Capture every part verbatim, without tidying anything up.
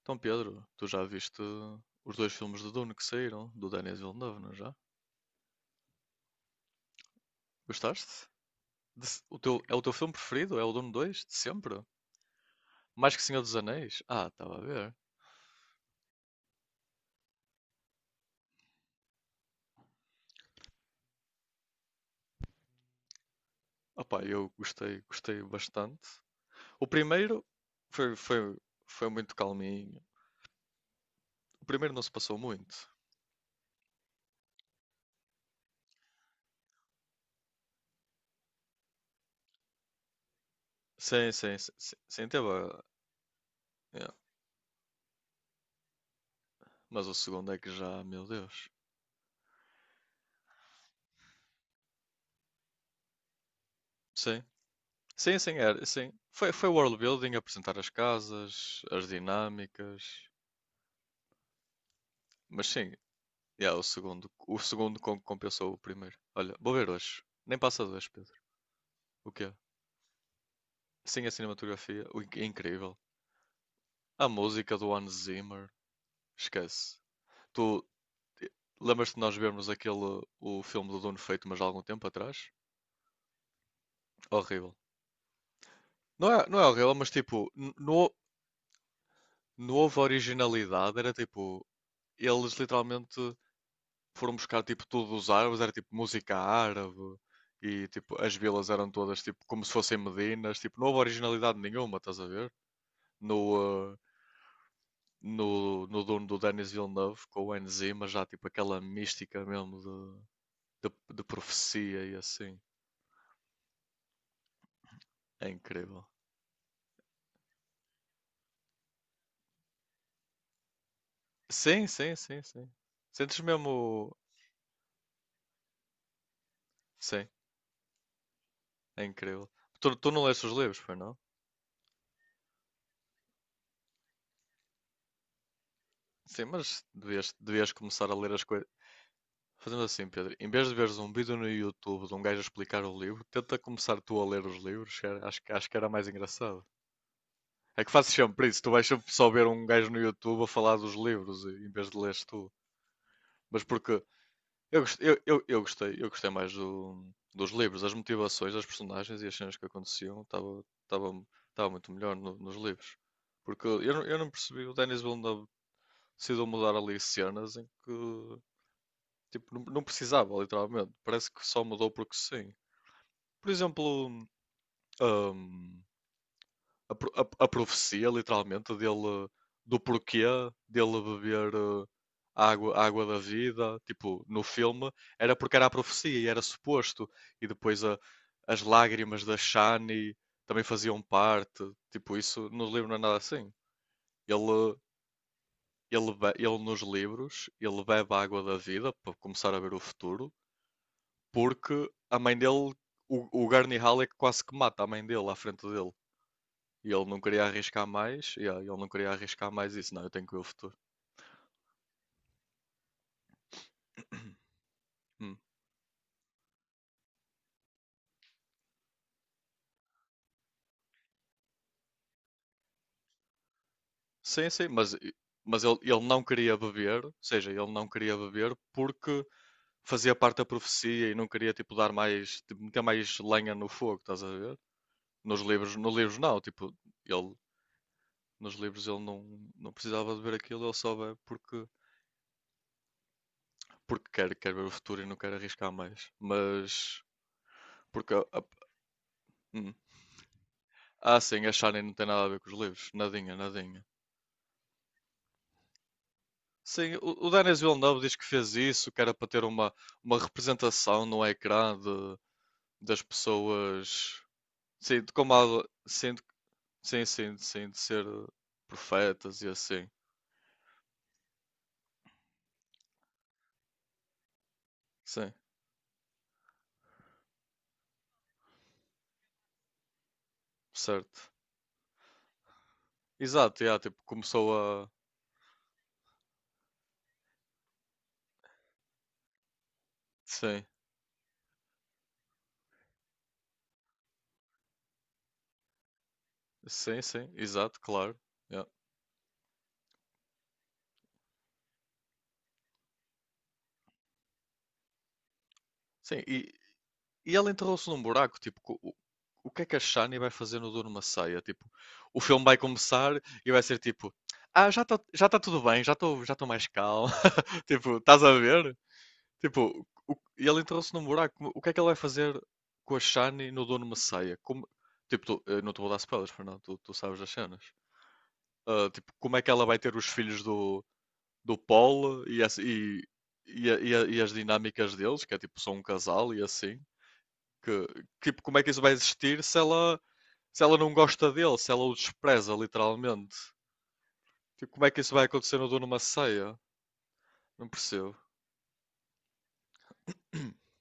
Então, Pedro, tu já viste os dois filmes do Dune que saíram, do Denis Villeneuve, não é já? Gostaste? De se- o teu, É o teu filme preferido? É o Dune 2? De sempre? Mais que Senhor dos Anéis? Ah, estava a ver. Opá, eu gostei, gostei bastante. O primeiro foi, foi, foi muito calminho. O primeiro não se passou muito. Sim, sim, sim, sim, sim, teve a- yeah. Mas o segundo é que já, meu Deus. Sim. Sim, sim, era, sim. Foi, foi world building, apresentar as casas, as dinâmicas. Mas sim, yeah, o segundo. O segundo com- compensou o primeiro. Olha, vou ver hoje. Nem passa dois, Pedro. O quê? Sim, a cinematografia. O in- é incrível. A música do Hans Zimmer. Esquece. Tu, eh, lembras-te de nós vermos aquele o filme do Dono Feito, mas há algum tempo atrás? Horrível. Não é, não é horrível, mas tipo, n- não, não houve originalidade. Era tipo, eles literalmente foram buscar tipo tudo dos árabes, era tipo música árabe e tipo as vilas eram todas tipo como se fossem Medinas, tipo não houve originalidade nenhuma, estás a ver? No, uh, no, no dono do Denis Villeneuve com o Enzima, já tipo aquela mística mesmo de, de, de profecia e assim, é incrível. Sim, sim, sim, sim. Sentes mesmo. Sim, é incrível. Tu, tu não leste os livros, foi não? Sim, mas devias, devias começar a ler as, coi Fazendo assim, Pedro, em vez de veres um vídeo no YouTube de um gajo a explicar o livro, tenta começar tu a ler os livros, que era- acho, que- acho que era mais engraçado. É que fazes sempre isso, tu vais sempre só ver um gajo no YouTube a falar dos livros, e- em vez de leres tu. Mas porque eu, gost- eu, eu, eu gostei, eu gostei mais do- dos livros, as motivações, as personagens e as cenas que aconteciam, estava estava estava muito melhor no- nos livros. Porque eu, não- eu não percebi, o Denis Villeneuve decidiu mudar ali cenas em que tipo, não, não precisava, literalmente. Parece que só mudou porque sim. Por exemplo, hum, a, pro- a- a profecia, literalmente, dele, do porquê dele beber eh, a água, a água da vida, tipo, no filme, era porque era a profecia e era suposto. E depois a- as lágrimas da Shani também faziam parte. Tipo, isso no livro não é nada assim. Ele, ele, be- ele nos livros, ele bebe a água da vida para começar a ver o futuro, porque a mãe dele, o, o Gurney Halleck quase que mata a mãe dele à frente dele. E ele não queria arriscar mais, yeah, ele não queria arriscar mais isso, não, eu tenho que ver o futuro. Hum. Sim, sim, mas, mas ele, ele não queria beber, ou seja, ele não queria beber porque fazia parte da profecia e não queria, tipo, dar mais, tipo, meter mais lenha no fogo, estás a ver? Nos livros, nos livros não, tipo, ele, nos livros ele não, não precisava de ver aquilo, ele só vê porque, porque quer, quer ver o futuro e não quer arriscar mais. Mas, porque, a- a- hum. ah, sim, a Shani não tem nada a ver com os livros, nadinha, nadinha. Sim, o, o Denis Villeneuve diz que fez isso, que era para ter uma, uma representação no ecrã de, das pessoas, sim, de como há- sim, de- sim, sim, sim, de ser eh, profetas e assim, sim, certo. Exato, yeah, tipo, começou a, sim, sim, sim, exato, claro, yeah. Sim, e, E ela enterrou-se num buraco, tipo, co- o, o que é que a Shani vai fazer no Duro Maceia? Tipo, o filme vai começar e vai ser tipo, ah, já está já tá tudo bem, já estou já tô mais calmo. Tipo, estás a ver? Tipo, o, e ela enterrou-se num buraco, o que é que ela vai fazer com a Shani no Duro Maceia? Como, tipo, tu- eu não te vou dar spoilers, Fernando, tu, tu sabes das cenas. Ah, tipo, como é que ela vai ter os filhos do, do Paul e, essa- e, e, a- e a- e as dinâmicas deles, que é tipo, são um casal e assim. Que, tipo, como é que isso vai existir se ela, se ela, não gosta dele, se ela o despreza, literalmente? Tipo, como é que isso vai acontecer no dono uma ceia? Não percebo.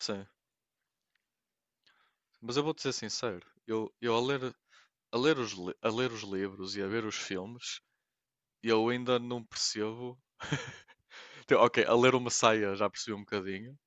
Sim. Mas eu vou dizer sincero, eu, eu a, ler, a, ler os, a ler os livros e a ver os filmes, eu ainda não percebo. Tipo, Ok, a ler o Messiah já percebi um bocadinho,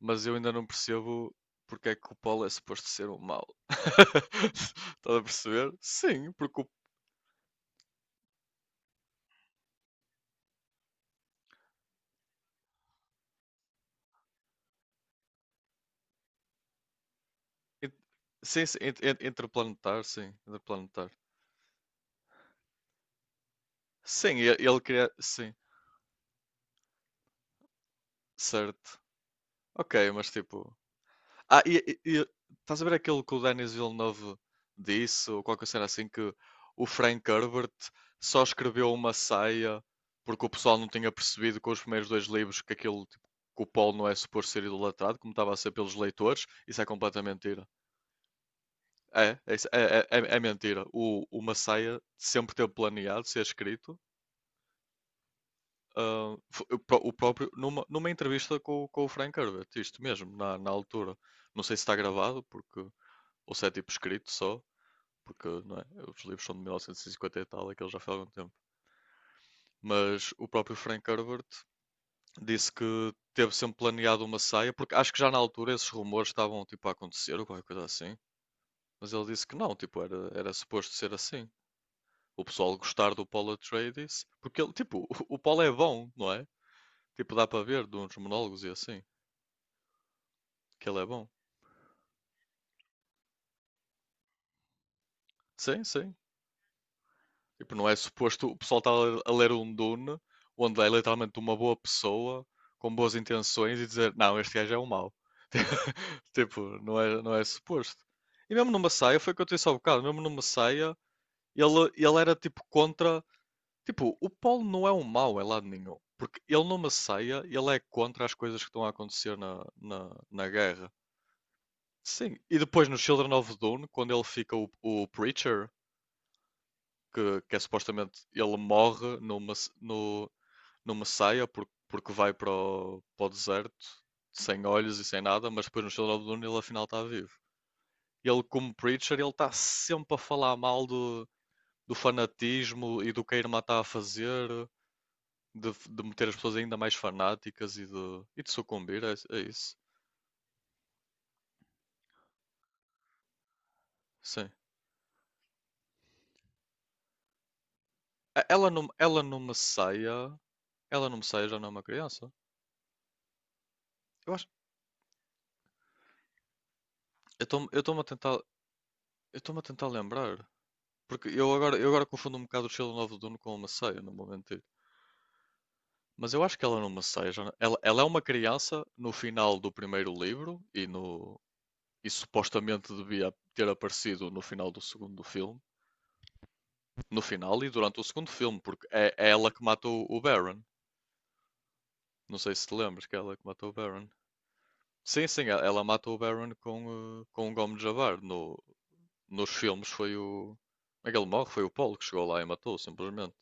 mas eu ainda não percebo porque é que o Paulo é suposto ser um mau. Estás a perceber? Sim, porque o Ent- sim, sim, ent- ent- interplanetar, sim, interplanetar. Sim, e- ele queria. Sim, certo. Ok, mas tipo. Ah, e, e- e- estás a ver aquilo que o Denis Villeneuve disse, ou qualquer cena assim, que o Frank Herbert só escreveu uma saia porque o pessoal não tinha percebido com os primeiros dois livros que aquilo, tipo, que o Paul não é suposto ser idolatrado, como estava a ser pelos leitores. Isso é completamente mentira. É, é, isso- é, é, é é mentira. O, o Messiah sempre teve planeado ser escrito. Ah, fo- eu pró- o próprio, numa, numa entrevista com, o- com o Frank Herbert, isto mesmo, na, na altura. Não sei se está gravado, porque, ou se é tipo escrito só, porque não é, os livros são de mil novecentos e cinquenta e tal, aquilo já foi há algum tempo. Mas o próprio Frank Herbert disse que teve sempre planeado uma saia, porque acho que já na altura esses rumores estavam tipo a acontecer ou qualquer coisa assim. Mas ele disse que não, tipo, era, era suposto ser assim. O pessoal gostar do Paul Atreides, porque ele, tipo, o, o Paul é bom, não é? Tipo, dá para ver de uns monólogos e assim. Que ele é bom. Sim, sim. Tipo, não é suposto o pessoal estar a ler um Dune onde é literalmente uma boa pessoa com boas intenções e dizer não, este gajo é um mau. Tipo, não é, não é suposto. E mesmo no Messiah, foi o que eu te disse há bocado, mesmo no Messiah, ele, ele era tipo contra. Tipo, o Paulo não é um mau em lado nenhum. Porque ele no Messiah, ele é contra as coisas que estão a acontecer na, na, na guerra. Sim, e depois no Children of Dune, quando ele fica o, o Preacher, que, que é supostamente ele morre numa, no, numa saia por- porque vai para o, para o, deserto sem olhos e sem nada, mas depois no Children of the Dune ele afinal está vivo. Ele, como Preacher, ele está sempre a falar mal do, do fanatismo e do que a irmã está a fazer, de, de meter as pessoas ainda mais fanáticas e de, e de sucumbir é é isso. Sim. Ela não, ela não me saia. Ela não me saia já não é uma criança. Eu acho. Eu estou-me a tentar. Eu estou-me a tentar lembrar. Porque eu agora, eu agora confundo um bocado o Sheldon of Dune com uma ceia, não vou mentir. Mas eu acho que ela não Masseia. Já não- Ela, ela é uma criança no final do primeiro livro e, no, e supostamente devia ter aparecido no final do segundo filme. No final e durante o segundo filme, porque é, é ela que matou o Baron. Não sei se te lembras que é ela que matou o Baron. Sim, sim, ela, ela mata o Baron com, eh, com o Gomes de Javar. No, nos filmes foi o. Aquele morre, foi o Paulo que chegou lá e matou, simplesmente.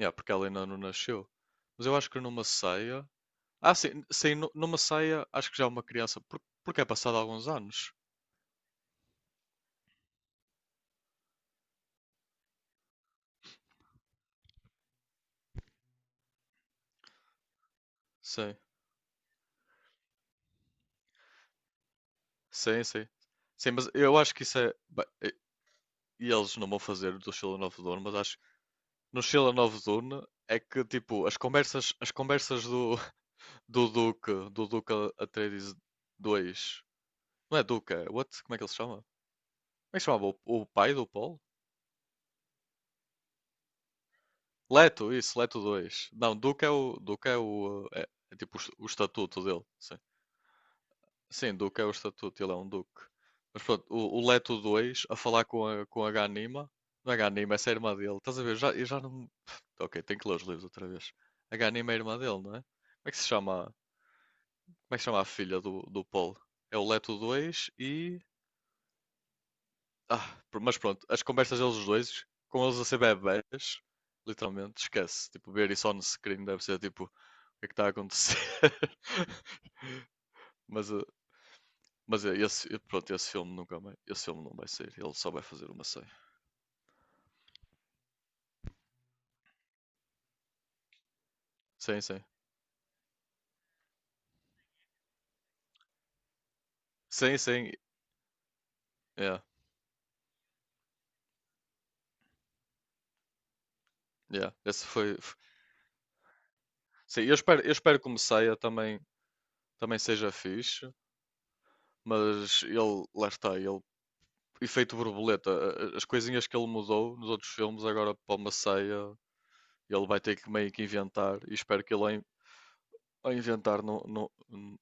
Yeah, porque ela ainda não nasceu. Mas eu acho que numa ceia. Ah, sim, sim, nu- numa ceia acho que já é uma criança. por- Porque é passado alguns anos. Sim, sim, sim. Sim, mas eu acho que isso é. ba- E e eles não vão fazer do Sheila Novo Dono, mas acho que No Sheila nova Dono é que tipo, as conversas, as conversas do, do Duque, do Duque Atreides dois. Não é Duque, é. What? Como é que ele se chama? Como é que se chamava? O, o pai do Paul? Leto, isso, Leto dois. Não, Duke é o, Duke é o, eh, é é tipo o, est- o estatuto dele. Sim. Sim, Duke é o estatuto, ele é um Duque. Mas pronto, o, o Leto dois a falar com a, com a Ganima. Não é Ganima, essa é a irmã dele. Estás a ver? Já, eu já não. Ok, tenho que ler os livros outra vez. A Ganima é a irmã dele, não é? Como é que se chama? Como é que se chama a filha do, do Paul? É o Leto dois e. Ah, pr- mas pronto, as conversas deles os dois, com eles a ser bebés, literalmente, esquece. Tipo, ver isso on screen deve ser tipo, o que é que está a acontecer? Mas, eh, mas eh, esse, eh, pronto, esse filme nunca mais, esse filme não vai sair, ele só vai fazer uma série. Sim, sim. Sim, sim, yeah, yeah. Esse foi, f- sim, eu espero, eu espero que o Messiah também, também seja fixe, mas ele, lá está, ele, efeito borboleta, a- a- as coisinhas que ele mudou nos outros filmes, agora para o Messiah. Ele vai ter que meio que inventar e espero que ele a inventar no, no- n-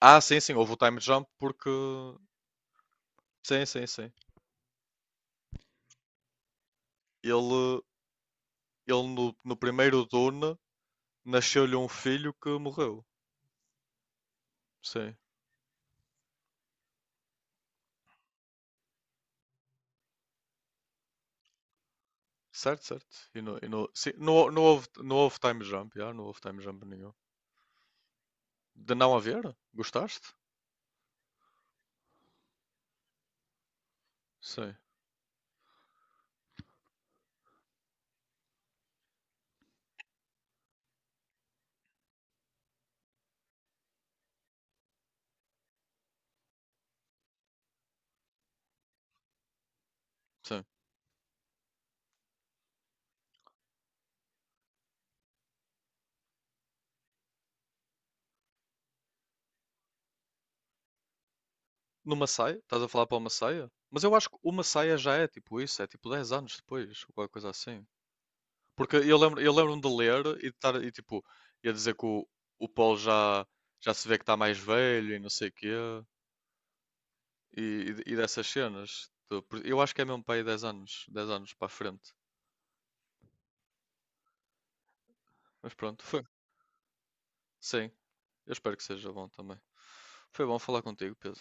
Ah, sim, sim, houve o time jump porque sim, sim, sim. Ele, ele no, no primeiro Dune nasceu-lhe um filho que morreu. Sim. Certo, certo. E no, e no, sim, não, não houve, não houve time jump, já, não houve time jump nenhum. De não haver? Gostaste? Sim, sim. No Massaia? Estás a falar para o Massaia? Mas eu acho que o Massaia já é tipo isso, é tipo dez anos depois, ou qualquer coisa assim. Porque eu lembro, eu lembro-me de ler e de estar, e tipo, ia dizer que o, o Paul já, já se vê que está mais velho e não sei o quê, e, e- e dessas cenas. Do- por- Eu acho que é mesmo para aí 10 anos, dez anos para a frente. Mas pronto, foi. Sim, eu espero que seja bom também. Foi bom falar contigo, Pedro.